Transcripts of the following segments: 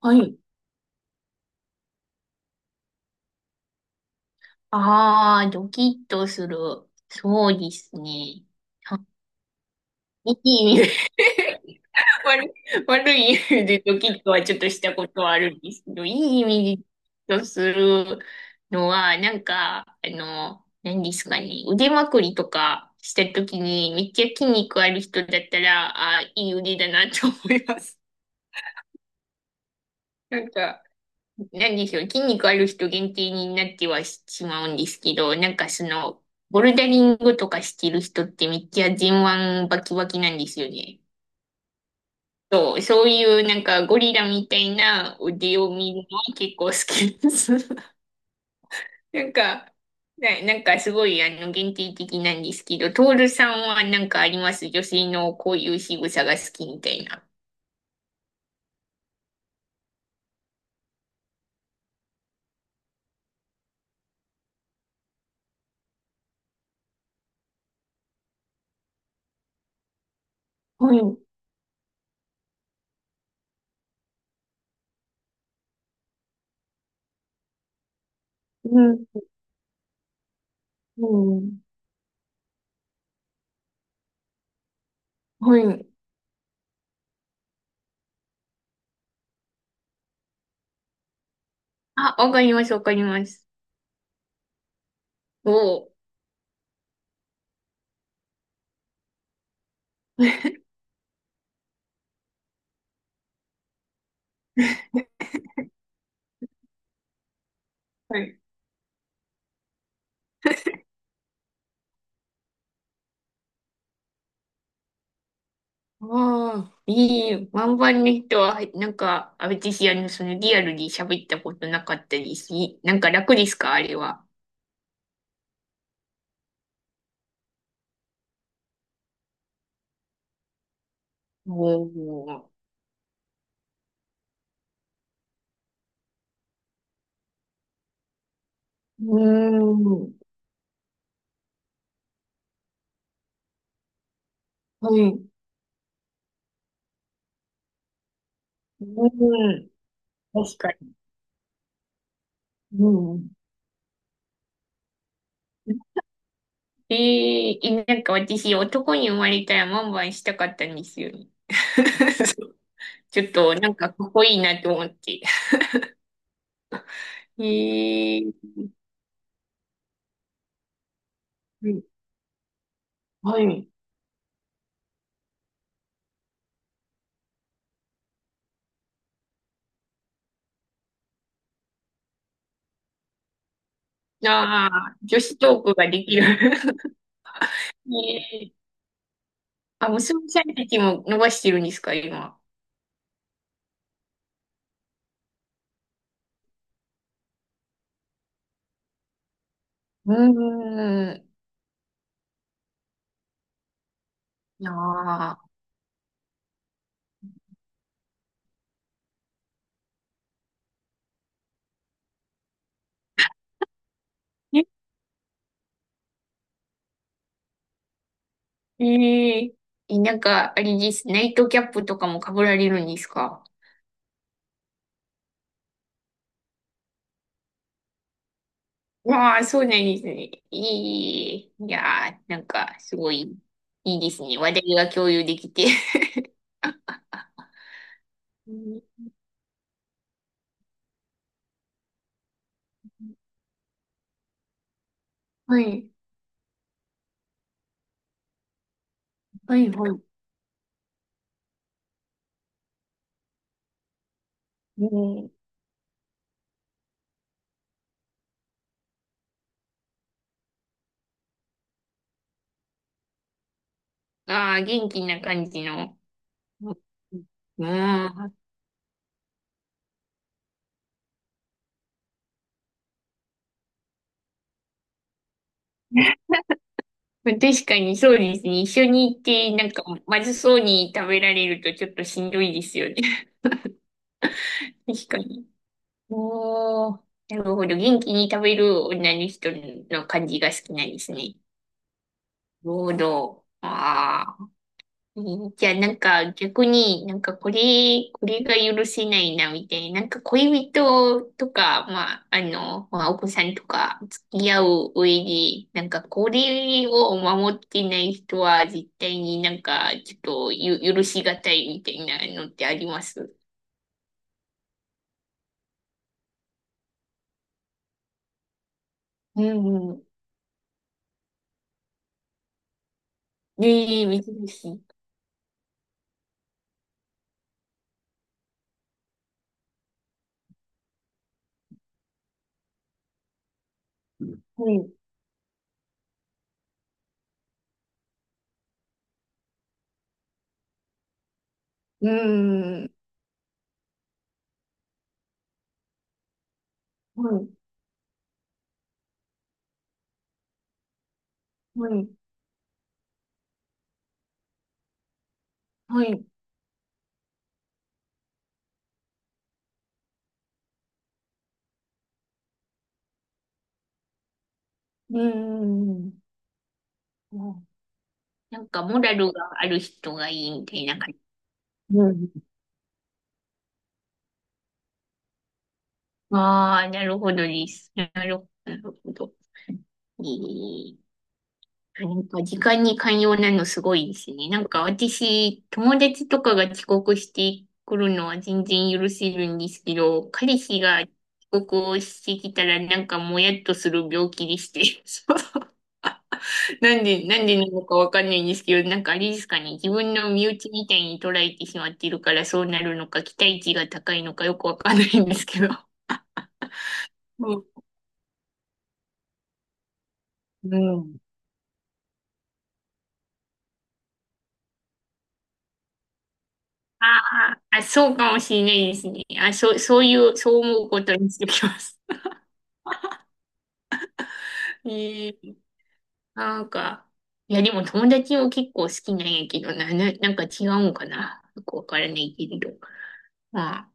はい。ああ、ドキッとする。そうですね。はい いい意味で 悪い、悪い意味でドキッとはちょっとしたことはあるんですけど、いい意味でドキッとするのは、なんか、何ですかね、腕まくりとかしたときに、めっちゃ筋肉ある人だったら、ああ、いい腕だなと思います。なんか、なんでしょう、筋肉ある人限定になってはしまうんですけど、なんかボルダリングとかしてる人ってめっちゃ前腕バキバキなんですよね。そういうなんかゴリラみたいな腕を見るのは結構好きです。なんか、なんかすごい限定的なんですけど、トールさんはなんかあります？女性のこういう仕草が好きみたいな。はい。うん。うん。はい。あ、わかります、わかります。おー。はい。ああ、いい。ワンバンの人は、なんか、あ、私、リアルに喋ったことなかったりし、いなんか楽ですかあれは？おー。うーん。はい。うーん。確かに。うん。なんか私、男に生まれたらワンバンしたかったんですよね。そう、ちょっと、なんか、かっこいいなと思って。えー、はい。はい。ああ、女子トークができる。えーあ、無んたちも伸ばしてるんですか、今？うーん。いやー。え、えなんか、あれです。ナイトキャップとかも被られるんですか？わあ、そうなんですね。いい。いやー、なんか、すごい、いいですね。話題が共有できて。うん。はい、はい、はい。うん、ああ、元気な感じの。うん、うん。まあ確かにそうですね。一緒に行って、なんか、まずそうに食べられるとちょっとしんどいですよね。確かに。おー、なるほど。元気に食べる女の人の感じが好きなんですね。なるほど。ああ。じゃあなんか逆になんかこれ、が許せないなみたいな、なんか恋人とか、まあ、まあ、お子さんとか付き合う上で、なんかこれを守ってない人は絶対になんかちょっと許しがたいみたいなのってあります？うんうん。ねえ、珍しい。はい。うん。はい。はい。はい。うん。うん。うん。なんかモラルがある人がいいみたいな感じ。ああ、なるほどです。なるほど。えーなんか時間に寛容なのすごいですね。なんか私、友達とかが遅刻してくるのは全然許せるんですけど、彼氏が遅刻をしてきたらなんかもやっとする病気でして。そうなんで、なんでなのかわかんないんですけど、なんかあれですかね、自分の身内みたいに捉えてしまっているからそうなるのか、期待値が高いのかよくわかんないんですけど。うん。うん。ああ、あそうかもしれないですね。あ、そう、そういう、そう思うことにしてきます。ええ、なんか、いや、でも友達も結構好きなんやけどなんか違うんかな。よくわからないけれど。まあ、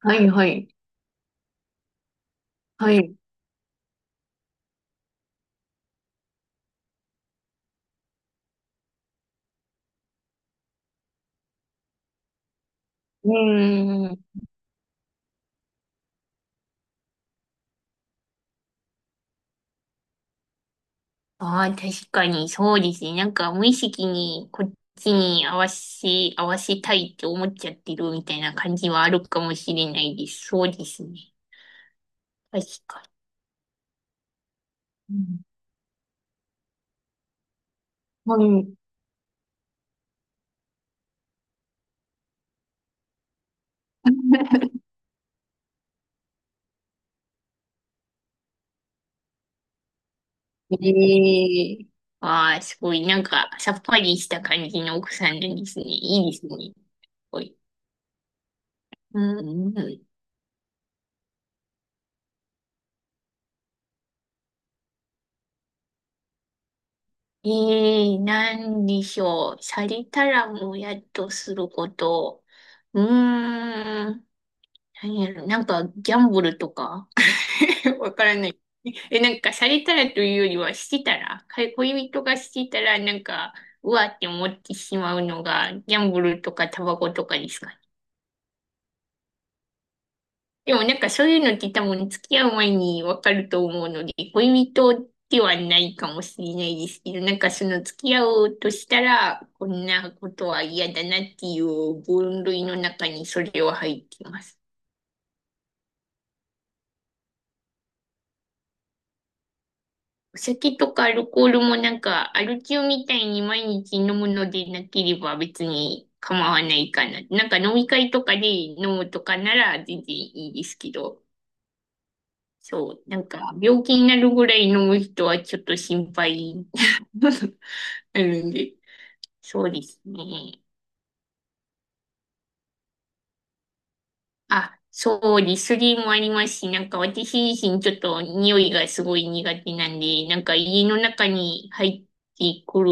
はいはい、はい。うーん。ああ、確かにそうですね。なんか無意識にこっちに合わせたいって思っちゃってるみたいな感じはあるかもしれないです。そうですね。確かに。うん。はい。ええ。ああー、すごい。なんか、さっぱりした感じの奥さんなんですね。いいですね。すごい。うんうん。ええ、なんでしょう。されたらもやっとすること。うーん。何やろ。なんか、ギャンブルとか わからない。なんか、されたらというよりは、してたら、か恋人がしてたら、なんか、うわって思ってしまうのが、ギャンブルとかタバコとかですか？でもなんかそういうのって多分付き合う前にわかると思うので、恋人ではないかもしれないですけど、なんかその付き合おうとしたら、こんなことは嫌だなっていう分類の中にそれは入ってます。お酒とかアルコールもなんかアル中みたいに毎日飲むのでなければ別に構わないかな。なんか飲み会とかで飲むとかなら全然いいですけど。そう、なんか病気になるぐらい飲む人はちょっと心配 なるんで、そうですね。あ、そう、リスリーもありますし、なんか私自身ちょっと匂いがすごい苦手なんで、なんか家の中に入ってくる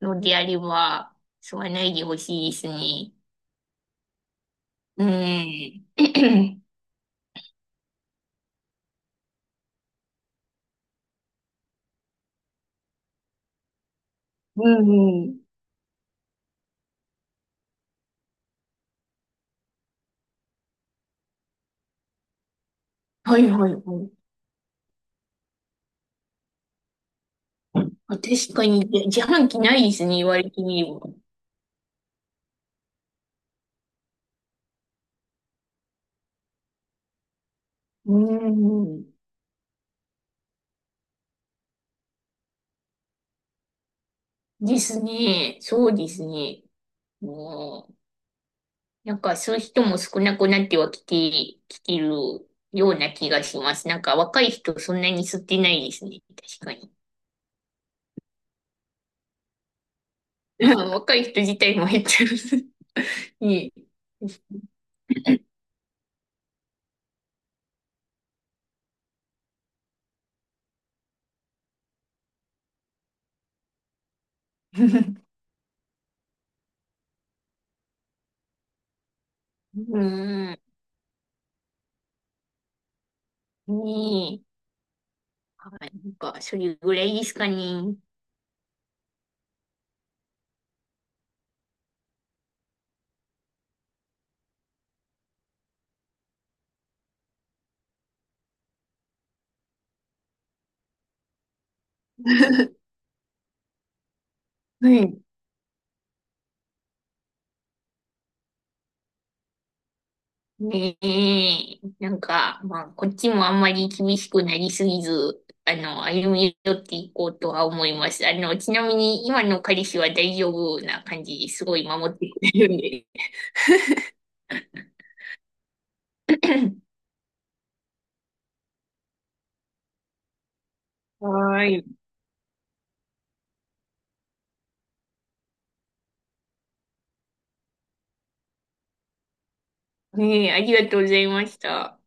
のであれば、吸わないでほしいですね。うん。うんうん。はいはいはい。あ、確かに、じゃ自販機ないですね、言われてみれば。うん。ですね。そうですね。うん。なんかそういう人も少なくなってはきてるような気がします。なんか若い人そんなに吸ってないですね。確かに。うん。若い人自体も減ってる ねえ。うん。ねえ。はい。なんかそれぐらいですかね。はい。ねえ、なんか、まあ、こっちもあんまり厳しくなりすぎず、歩み寄っていこうとは思います。ちなみに今の彼氏は大丈夫な感じですごい守ってくれるんで。はーい。ねえ、ありがとうございました。